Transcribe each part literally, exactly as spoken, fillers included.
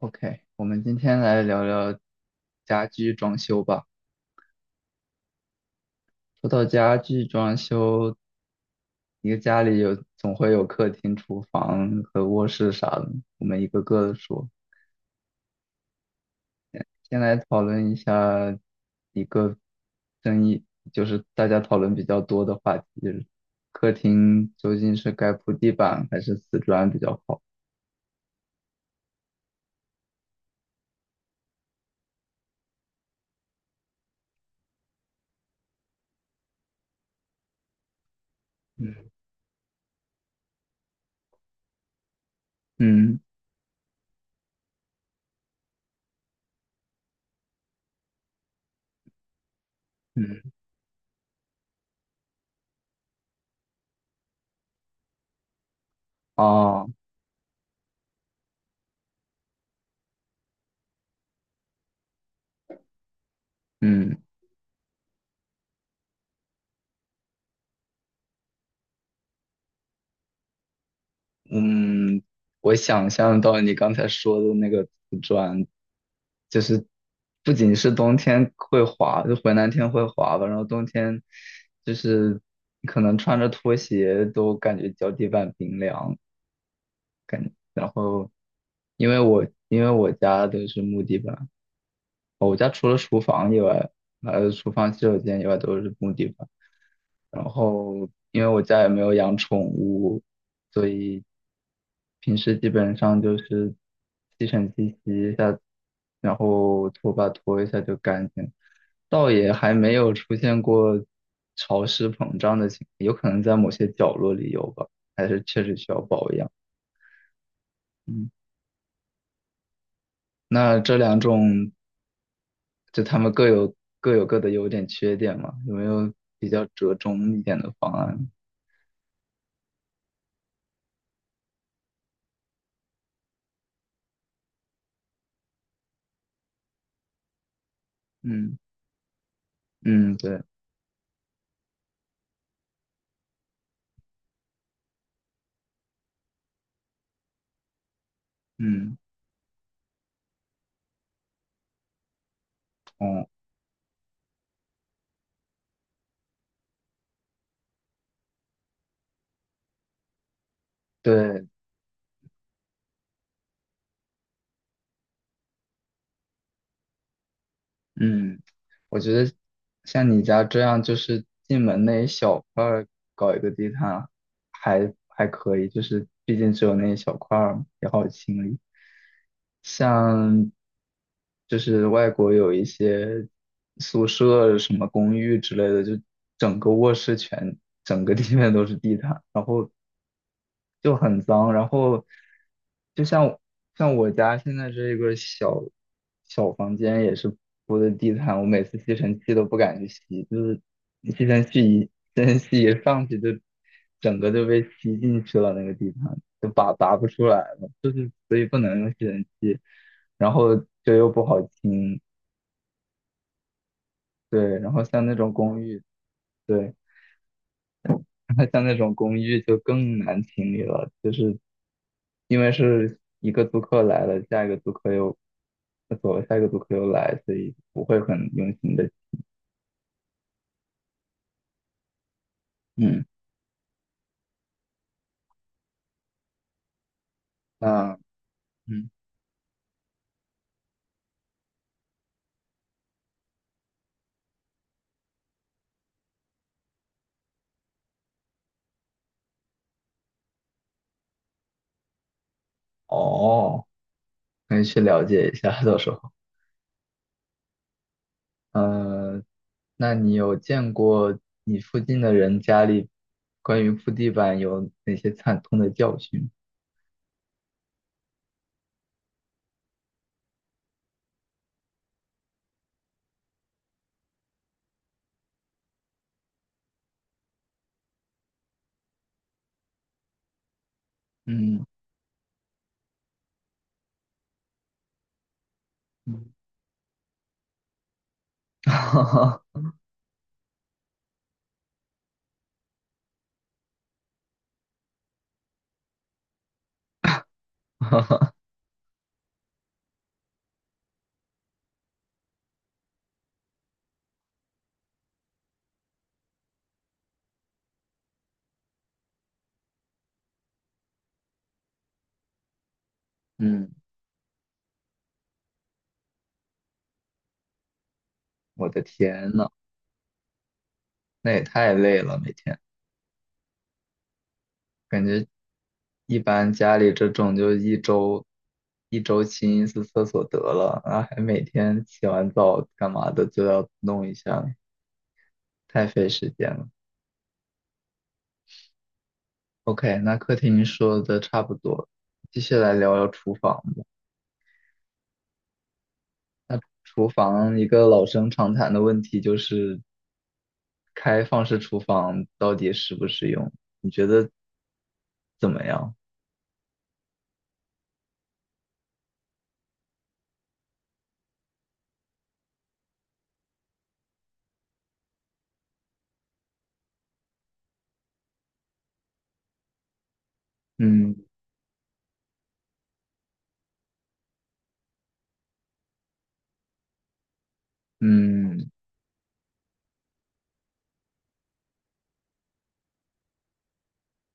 OK，我们今天来聊聊家居装修吧。说到家居装修，一个家里有总会有客厅、厨房和卧室啥的，我们一个个的说。先来讨论一下一个争议，就是大家讨论比较多的话题，就是客厅究竟是该铺地板还是瓷砖比较好？嗯嗯嗯，哦，嗯嗯，我想象到你刚才说的那个瓷砖，就是不仅是冬天会滑，就回南天会滑吧，然后冬天就是可能穿着拖鞋都感觉脚底板冰凉。然后因为我因为我家都是木地板，我家除了厨房以外，还有厨房洗手间以外都是木地板。然后因为我家也没有养宠物，所以平时基本上就是吸尘器吸一下，然后拖把拖一下就干净，倒也还没有出现过潮湿膨胀的情况，有可能在某些角落里有吧，还是确实需要保养。嗯，那这两种就他们各有各有各的优点缺点嘛，有没有比较折中一点的方案？嗯嗯，对，嗯哦。对，嗯，我觉得像你家这样，就是进门那一小块儿搞一个地毯还还可以，就是毕竟只有那一小块儿嘛，也好清理。像就是外国有一些宿舍什么公寓之类的，就整个卧室全整个地面都是地毯，然后。就很脏。然后就像像我家现在这个小小房间也是铺的地毯，我每次吸尘器都不敢去吸，就是吸尘器一吸尘器一上去就整个就被吸进去了，那个地毯就拔拔不出来了，所以不能用吸尘器，然后就又不好清，对，然后像那种公寓，对。像那种公寓就更难清理了，就是因为是一个租客来了，下一个租客又走了，下一个租客又来，所以不会很用心的。嗯，那嗯，哦，可以去了解一下，到时候。呃，那你有见过你附近的人家里关于铺地板有哪些惨痛的教训？嗯嗯，嗯，我的天呐，那也太累了，每天感觉。一般家里这种就一周一周清一次厕所得了，然后还每天洗完澡干嘛的就要弄一下，太费时间了。OK，那客厅说的差不多，继续来聊聊厨房吧。那厨房一个老生常谈的问题就是开放式厨房到底实不实用？你觉得怎么样？嗯嗯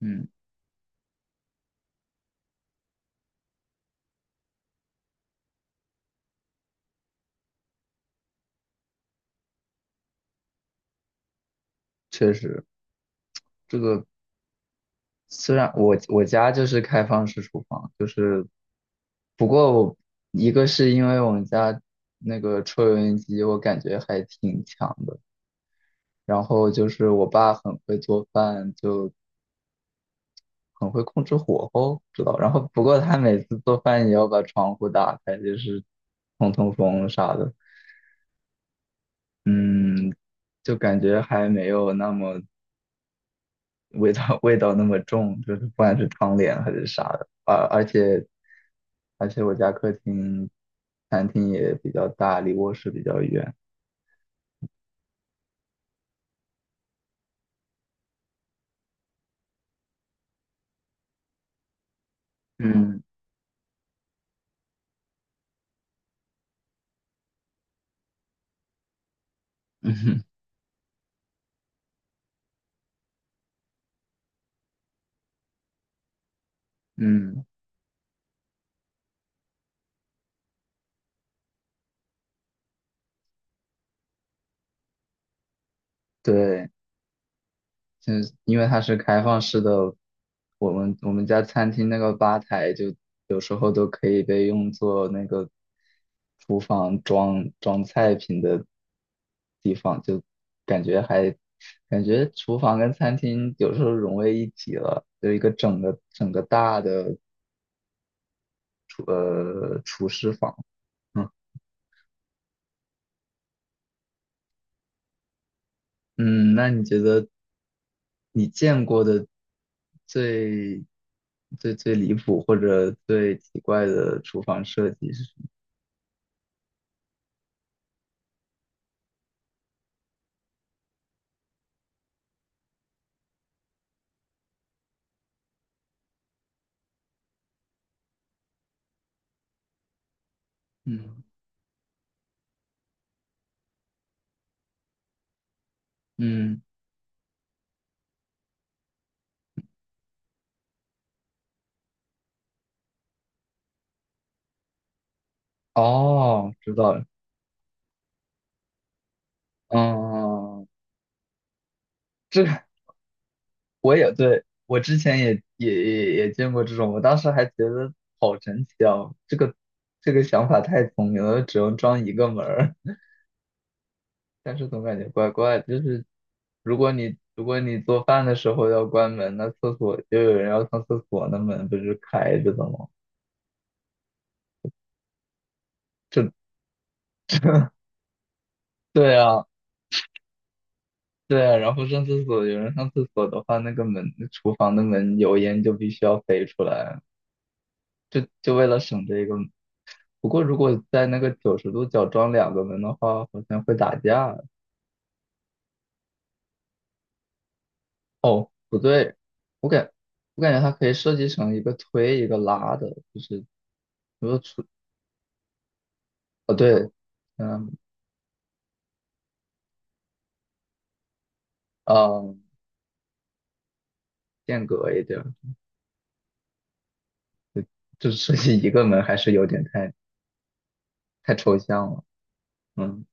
嗯，确实，这个虽然我我家就是开放式厨房，就是不过我一个是因为我们家那个抽油烟机，我感觉还挺强的。然后就是我爸很会做饭，就很会控制火候，知道。然后不过他每次做饭也要把窗户打开，就是通通风啥的。嗯，就感觉还没有那么味道 味道那么重，就是不管是窗帘还是啥的，而而且而且我家客厅餐厅也比较大，离卧室比较远。嗯嗯嗯，对。就是因为它是开放式的，我们我们家餐厅那个吧台就有时候都可以被用作那个厨房装装菜品的地方，就感觉还感觉厨房跟餐厅有时候融为一体了，有一个整个整个大的厨呃厨师房。嗯嗯，那你觉得？你见过的最最最离谱或者最奇怪的厨房设计是什么？嗯嗯，哦，知道了。嗯，这个我也对，我之前也也也也见过这种，我当时还觉得好神奇啊，这个这个想法太聪明了，只用装一个门儿，但是总感觉怪怪的，就是如果你如果你做饭的时候要关门，那厕所就有人要上厕所，那门不是开着的吗？这对啊，对啊，然后上厕所，有人上厕所的话，那个门，厨房的门油烟就必须要飞出来，就就为了省这个。不过如果在那个九十度角装两个门的话，好像会打架。不对，我感我感觉它可以设计成一个推一个拉的，就是如果出，哦对，嗯嗯，间隔一点儿，就是设计一个门还是有点太太抽象了，嗯。